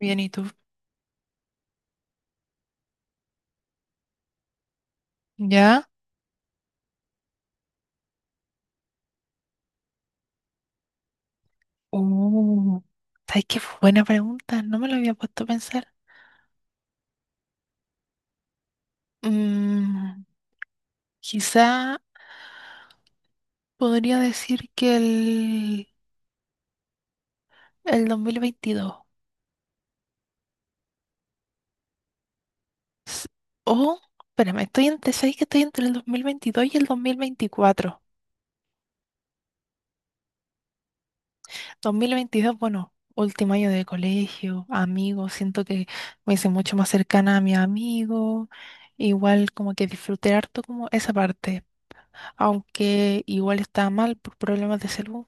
Bien, ¿y tú? ¿Ya? Uh, ¿Sabes qué? Fue buena pregunta. No me lo había puesto a pensar. Mm, Quizá podría decir que el 2022. S- O, espérame, estoy entre, ¿sabes que estoy entre el 2022 y el dos mil veinticuatro. 2022, bueno, último año de colegio, amigos, siento que me hice mucho más cercana a mis amigos, igual como que disfruté harto como esa parte. Aunque igual estaba mal por problemas de salud.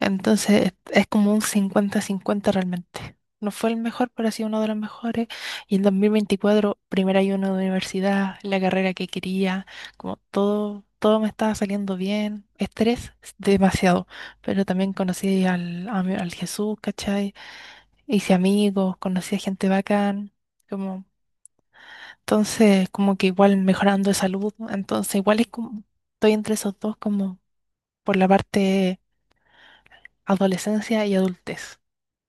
Entonces es como un cincuenta-cincuenta realmente. No fue el mejor, pero ha sido uno de los mejores. Y en 2024, primer año de universidad, la carrera que quería, como todo me estaba saliendo bien. Estrés, demasiado. Pero también conocí al Jesús, ¿cachai? Hice amigos, conocí a gente bacán. Como, entonces, como que igual mejorando de salud, ¿no? Entonces, igual es como, estoy entre esos dos, como por la parte adolescencia y adultez.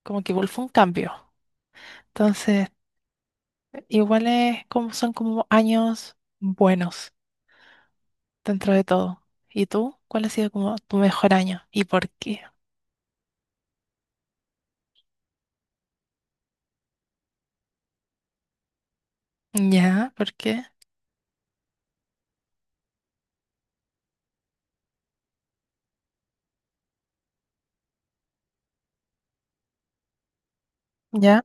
Como que igual fue un cambio. Entonces, igual es como, son como años buenos dentro de todo. ¿Y tú? ¿Cuál ha sido como tu mejor año? ¿Y por qué? Ya, ¿por qué? Ya,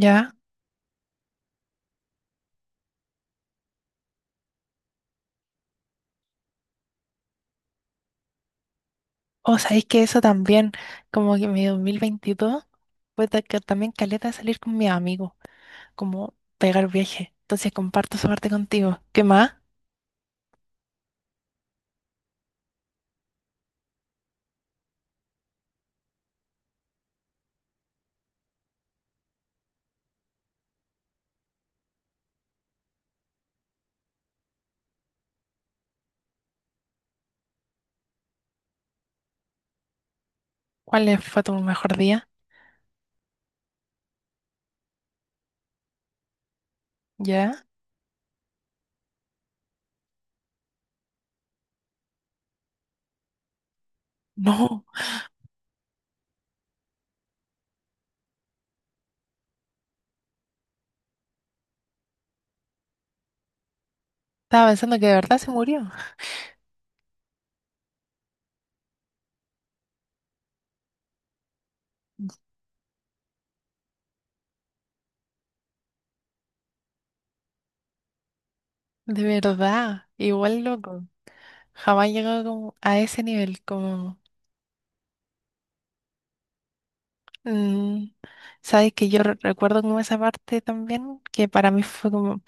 ya. O sea, es que eso también, como que mi 2022 fue que también caleta de salir con mi amigo, como pegar viaje. Entonces comparto esa parte contigo. ¿Qué más? ¿Cuál fue tu mejor día? ¿Ya? No. Estaba pensando que de verdad se murió. De verdad. Igual loco. Jamás llegó como a ese nivel. Como. mm, sabes que yo recuerdo como esa parte también. Que para mí fue como,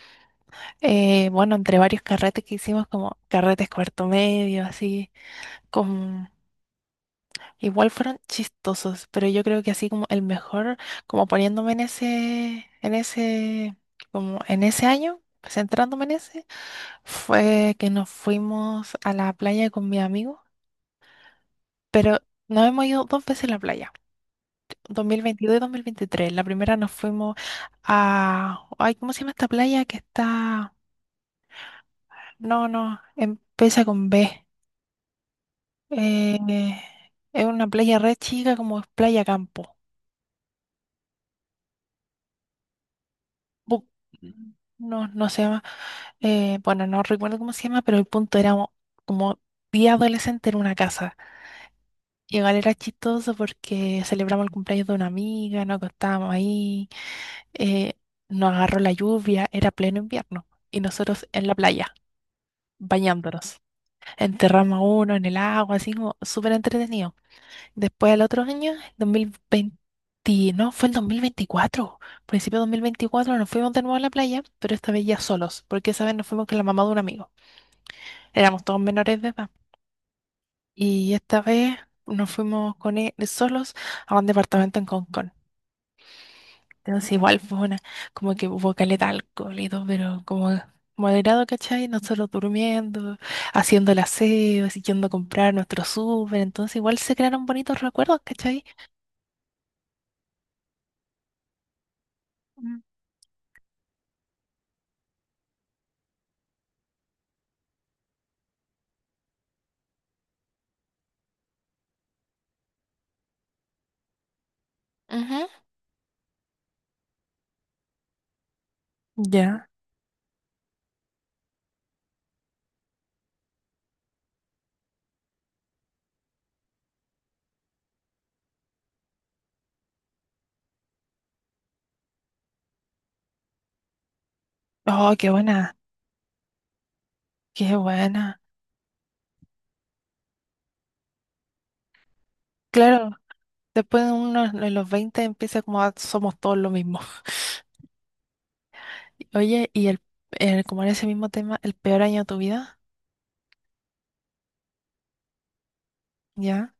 bueno, entre varios carretes que hicimos, como carretes cuarto medio, así. Como. Igual fueron chistosos. Pero yo creo que así como el mejor. Como poniéndome en ese. En ese. Como en ese año. Centrándome en ese. Fue que nos fuimos a la playa con mi amigo. Pero nos hemos ido dos veces a la playa, 2022 y 2023. La primera nos fuimos a, ay, ¿cómo se llama esta playa que está? No, no, empieza con B. Eh, es una playa re chica como es Playa Campo. Bu- No, no se llama. Bueno, no recuerdo cómo se llama, pero el punto era como día adolescente en una casa. Y igual era chistoso porque celebramos el cumpleaños de una amiga, nos acostábamos ahí. eh, Nos agarró la lluvia, era pleno invierno, y nosotros en la playa, bañándonos. Enterramos a uno en el agua, así como súper entretenido. Después, al otro año, 2020, no, fue el 2024, principio de 2024, nos fuimos de nuevo a la playa, pero esta vez ya solos, porque esa vez nos fuimos con la mamá de un amigo. Éramos todos menores de edad. Y esta vez nos fuimos con él solos a un departamento en Concón. Entonces igual fue una, como que hubo caleta de alcohol y todo, pero como moderado, ¿cachai? Nosotros durmiendo, haciendo el aseo, así yendo a comprar nuestro súper, entonces igual se crearon bonitos recuerdos, ¿cachai? Mm. Ujú. Ya. Oh, qué buena, qué buena. Claro, después de los 20 empieza como somos todos lo mismo. Oye, y el, el como en ese mismo tema, el peor año de tu vida, ¿ya?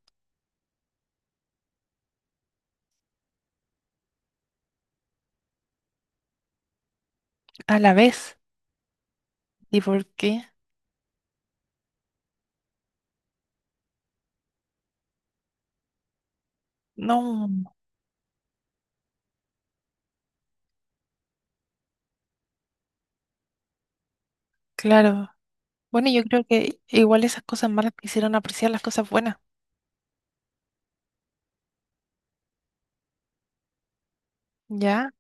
A la vez. ¿Y por qué? No, claro. Bueno, yo creo que igual esas cosas malas te hicieron apreciar las cosas buenas, ¿ya?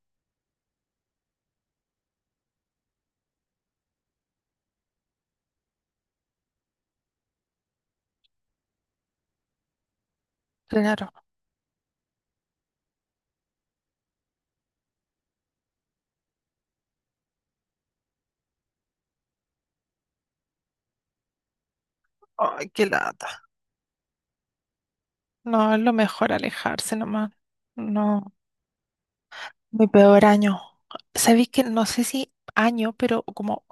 Claro. Ay, qué lata. No, es lo mejor alejarse nomás. No, mi peor año. Sabéis que no sé si año, pero como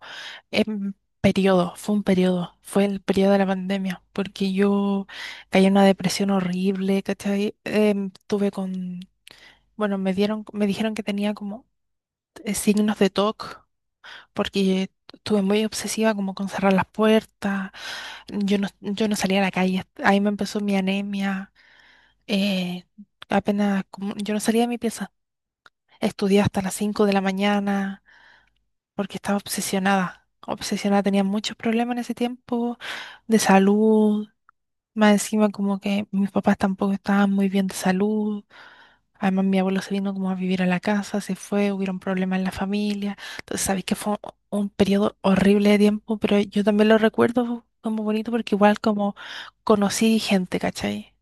en periodo, fue un periodo, fue el periodo de la pandemia, porque yo caí en una depresión horrible, ¿cachai? Bueno, me dijeron que tenía como signos de TOC, porque estuve muy obsesiva como con cerrar las puertas. Yo no salía a la calle. Ahí me empezó mi anemia. eh, Apenas, yo no salía de mi pieza. Estudié hasta las 5 de la mañana porque estaba obsesionada. Obsesionada, tenía muchos problemas en ese tiempo de salud. Más encima como que mis papás tampoco estaban muy bien de salud. Además mi abuelo se vino como a vivir a la casa, se fue, hubieron problemas en la familia. Entonces sabéis que fue un periodo horrible de tiempo, pero yo también lo recuerdo como bonito porque igual como conocí gente, ¿cachai?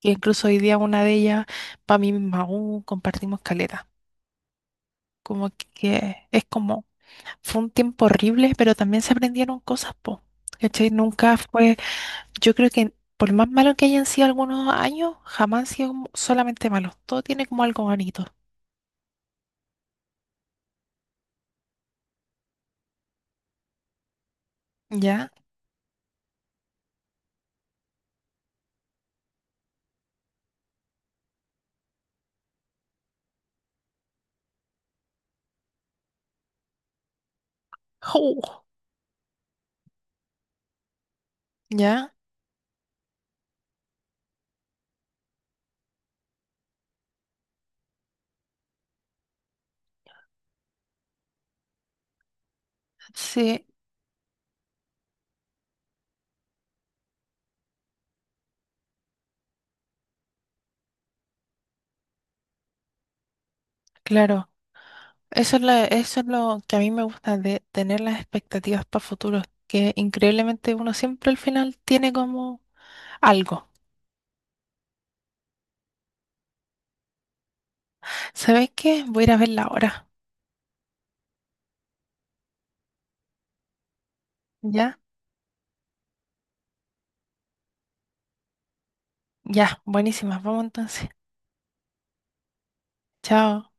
Que incluso hoy día una de ellas, para mí misma aún, compartimos caleta. Como que es como, fue un tiempo horrible, pero también se aprendieron cosas, po. ¿Cachai? Nunca fue. Yo creo que por más malo que hayan sido algunos años, jamás han sido como solamente malos. Todo tiene como algo bonito. ¿Ya? ¡Ju! ¿Ya? Sí, claro. Eso es lo que a mí me gusta de tener las expectativas para futuros, que increíblemente uno siempre al final tiene como algo. ¿Sabéis qué? Voy a ir a verla ahora. ¿Ya? Ya, buenísimas. Vamos entonces. Chao.